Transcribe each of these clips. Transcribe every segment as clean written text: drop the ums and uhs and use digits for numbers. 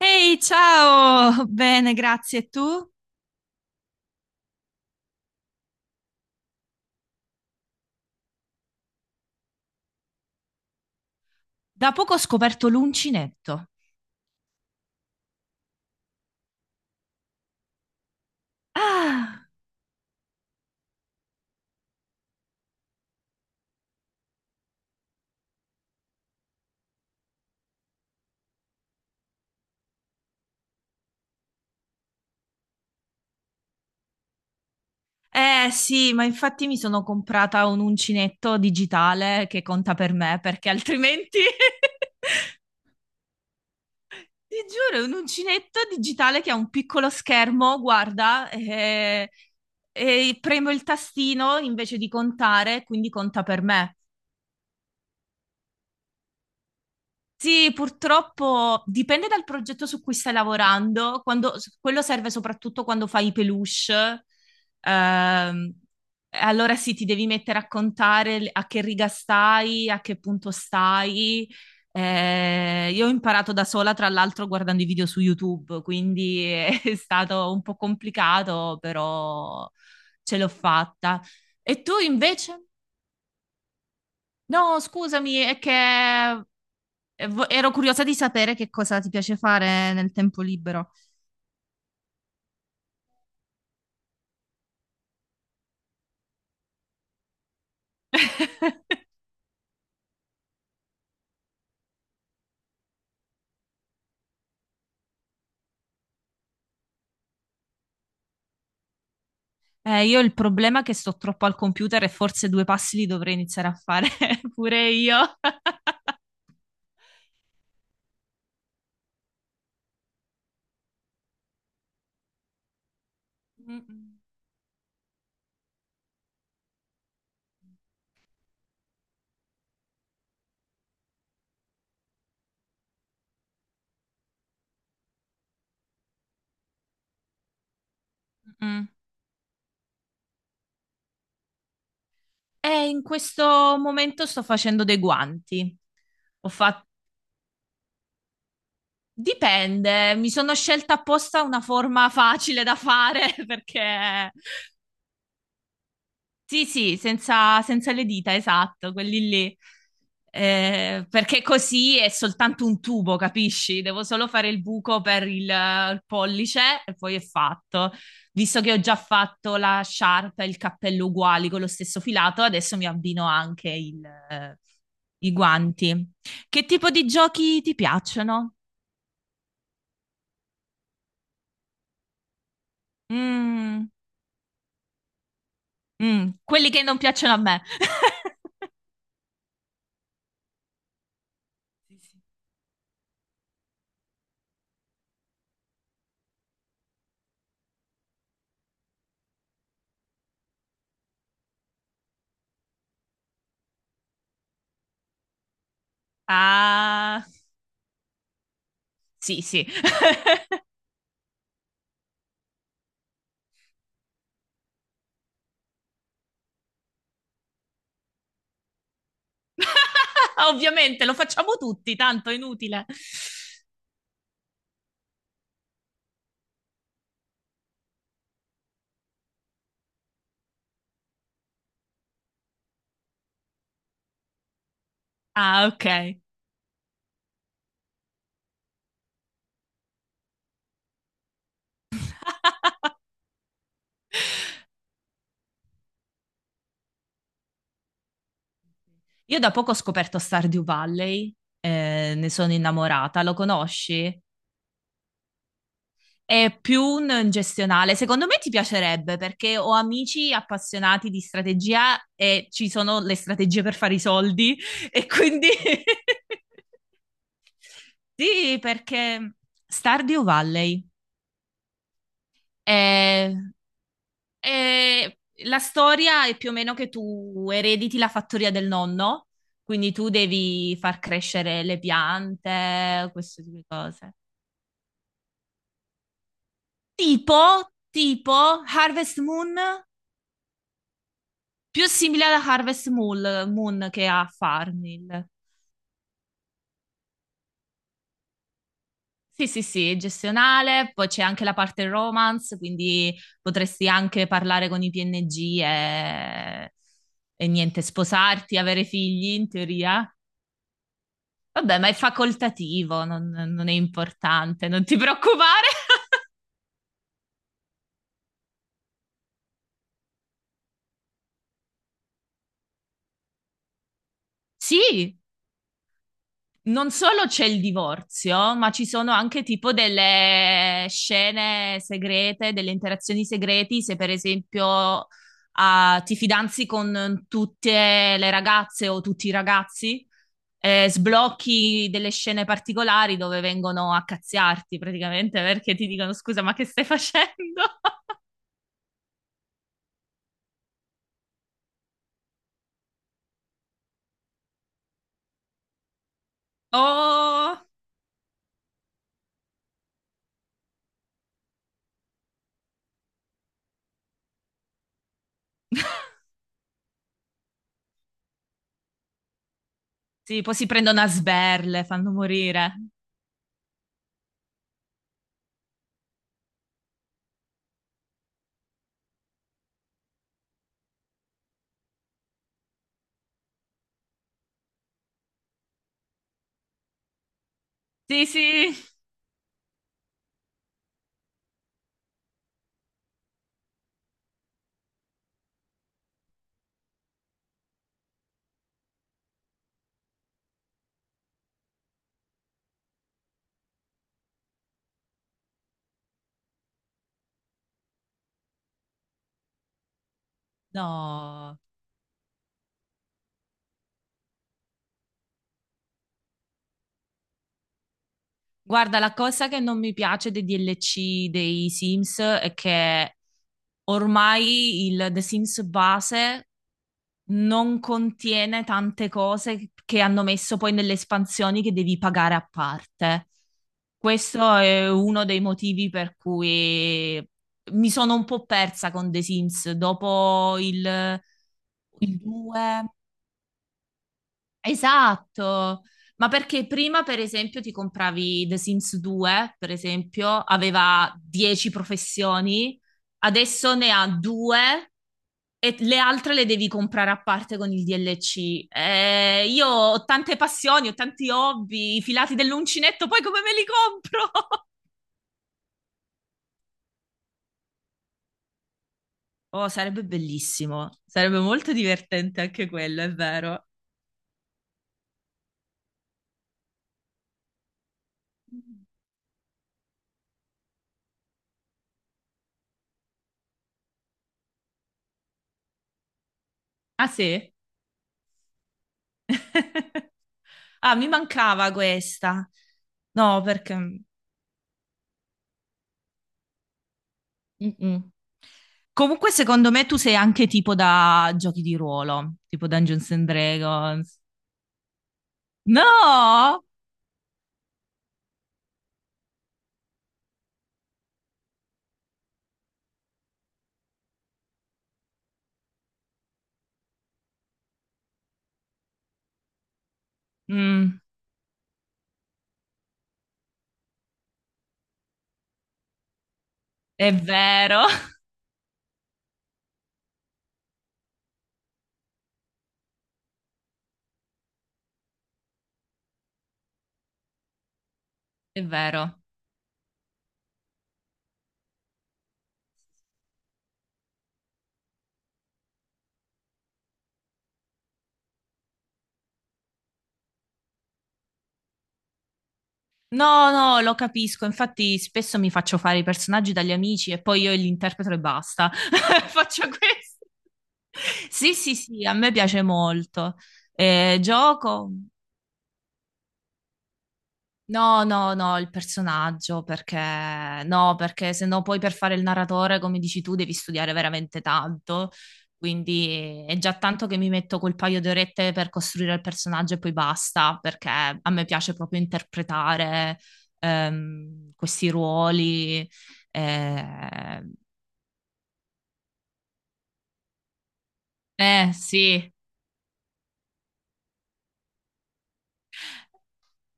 Ehi, ciao! Bene, grazie. Tu? Da poco ho scoperto l'uncinetto. Ah, eh sì, ma infatti mi sono comprata un uncinetto digitale che conta per me, perché altrimenti... Ti giuro, è un uncinetto digitale che ha un piccolo schermo, guarda, e premo il tastino invece di contare, quindi conta per me. Sì, purtroppo dipende dal progetto su cui stai lavorando. Quello serve soprattutto quando fai i peluche. Ehm, allora sì, ti devi mettere a contare a che riga stai, a che punto stai. Io ho imparato da sola, tra l'altro, guardando i video su YouTube, quindi è stato un po' complicato, però ce l'ho fatta. E tu invece? No, scusami, è che ero curiosa di sapere che cosa ti piace fare nel tempo libero. Io il problema è che sto troppo al computer e forse due passi li dovrei iniziare a fare pure io. Mm, mm. Mm. E in questo momento sto facendo dei guanti. Ho fatto... Dipende, mi sono scelta apposta una forma facile da fare. Perché sì, sì, senza, senza le dita, esatto, quelli lì. Perché così è soltanto un tubo, capisci? Devo solo fare il buco per il pollice e poi è fatto. Visto che ho già fatto la sciarpa e il cappello uguali con lo stesso filato, adesso mi abbino anche i guanti. Che tipo di giochi ti piacciono? Mm, mm, quelli che non piacciono a me. Sì, sì. Ah, sì, sì. Ovviamente lo facciamo tutti, tanto è inutile. Ah, ok. Io da poco ho scoperto Stardew Valley, ne sono innamorata. Lo conosci? È più un gestionale. Secondo me ti piacerebbe perché ho amici appassionati di strategia e ci sono le strategie per fare i soldi e quindi sì, perché Stardew Valley è... Eh, la storia è più o meno che tu erediti la fattoria del nonno, quindi tu devi far crescere le piante, queste tipo di cose. Tipo, tipo Harvest Moon, più simile alla Harvest Moon che a Farmville. Sì, sì, sì, è gestionale, poi c'è anche la parte romance, quindi potresti anche parlare con i PNG e niente, sposarti, avere figli in teoria. Vabbè, ma è facoltativo, non, non è importante, non ti preoccupare. Sì, non solo c'è il divorzio, ma ci sono anche tipo delle scene segrete, delle interazioni segreti, se per esempio ah, ti fidanzi con tutte le ragazze o tutti i ragazzi, sblocchi delle scene particolari dove vengono a cazziarti praticamente perché ti dicono scusa, ma che stai facendo? Oh... Sì, poi si prendono a sberle, fanno morire. Sì, sì. No. Guarda, la cosa che non mi piace dei DLC dei Sims è che ormai il The Sims base non contiene tante cose che hanno messo poi nelle espansioni che devi pagare a parte. Questo è uno dei motivi per cui mi sono un po' persa con The Sims dopo il 2. Esatto, ma perché prima, per esempio, ti compravi The Sims 2, per esempio, aveva 10 professioni, adesso ne ha due e le altre le devi comprare a parte con il DLC. Io ho tante passioni, ho tanti hobby, i filati dell'uncinetto, poi come me li compro? Oh, sarebbe bellissimo, sarebbe molto divertente anche quello, è vero. Ah, sì? Ah, mi mancava questa. No, perché mm-mm. Comunque, secondo me tu sei anche tipo da giochi di ruolo, tipo Dungeons and Dragons. No! Mm, è vero, è vero. No, no, lo capisco. Infatti, spesso mi faccio fare i personaggi dagli amici e poi io li interpreto e basta. Faccio questo. Sì, sì, sì, a me piace molto. Gioco. No, no, no, il personaggio, perché no, perché se no poi per fare il narratore, come dici tu, devi studiare veramente tanto. Quindi è già tanto che mi metto quel paio di orette per costruire il personaggio e poi basta, perché a me piace proprio interpretare questi ruoli. Eh, sì,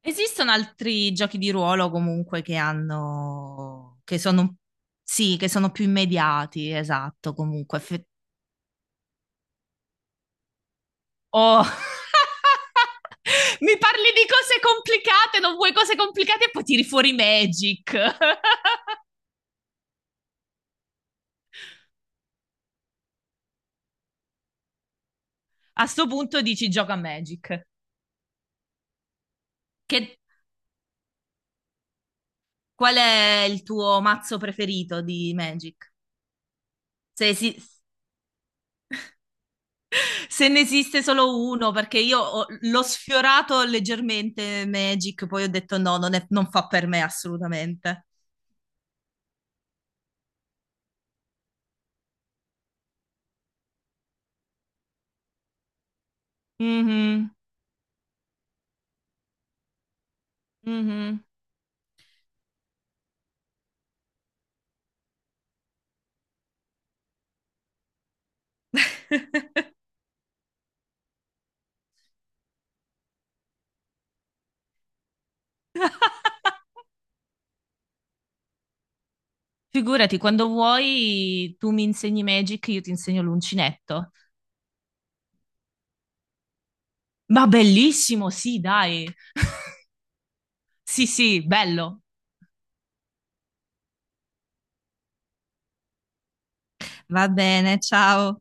esistono altri giochi di ruolo comunque che hanno, che sono un sì, che sono più immediati, esatto, comunque. F- Oh. Mi parli di cose complicate, non vuoi cose complicate e poi tiri fuori Magic. A sto punto dici gioca a Magic. Che- Qual è il tuo mazzo preferito di Magic? Se, esi- Se ne esiste solo uno, perché l'ho sfiorato leggermente Magic, poi ho detto no, non, non fa per me assolutamente. Mhm, mhm. Figurati, quando vuoi tu mi insegni Magic, io ti insegno l'uncinetto. Ma bellissimo, sì, dai. Sì, sì, bello. Va bene, ciao.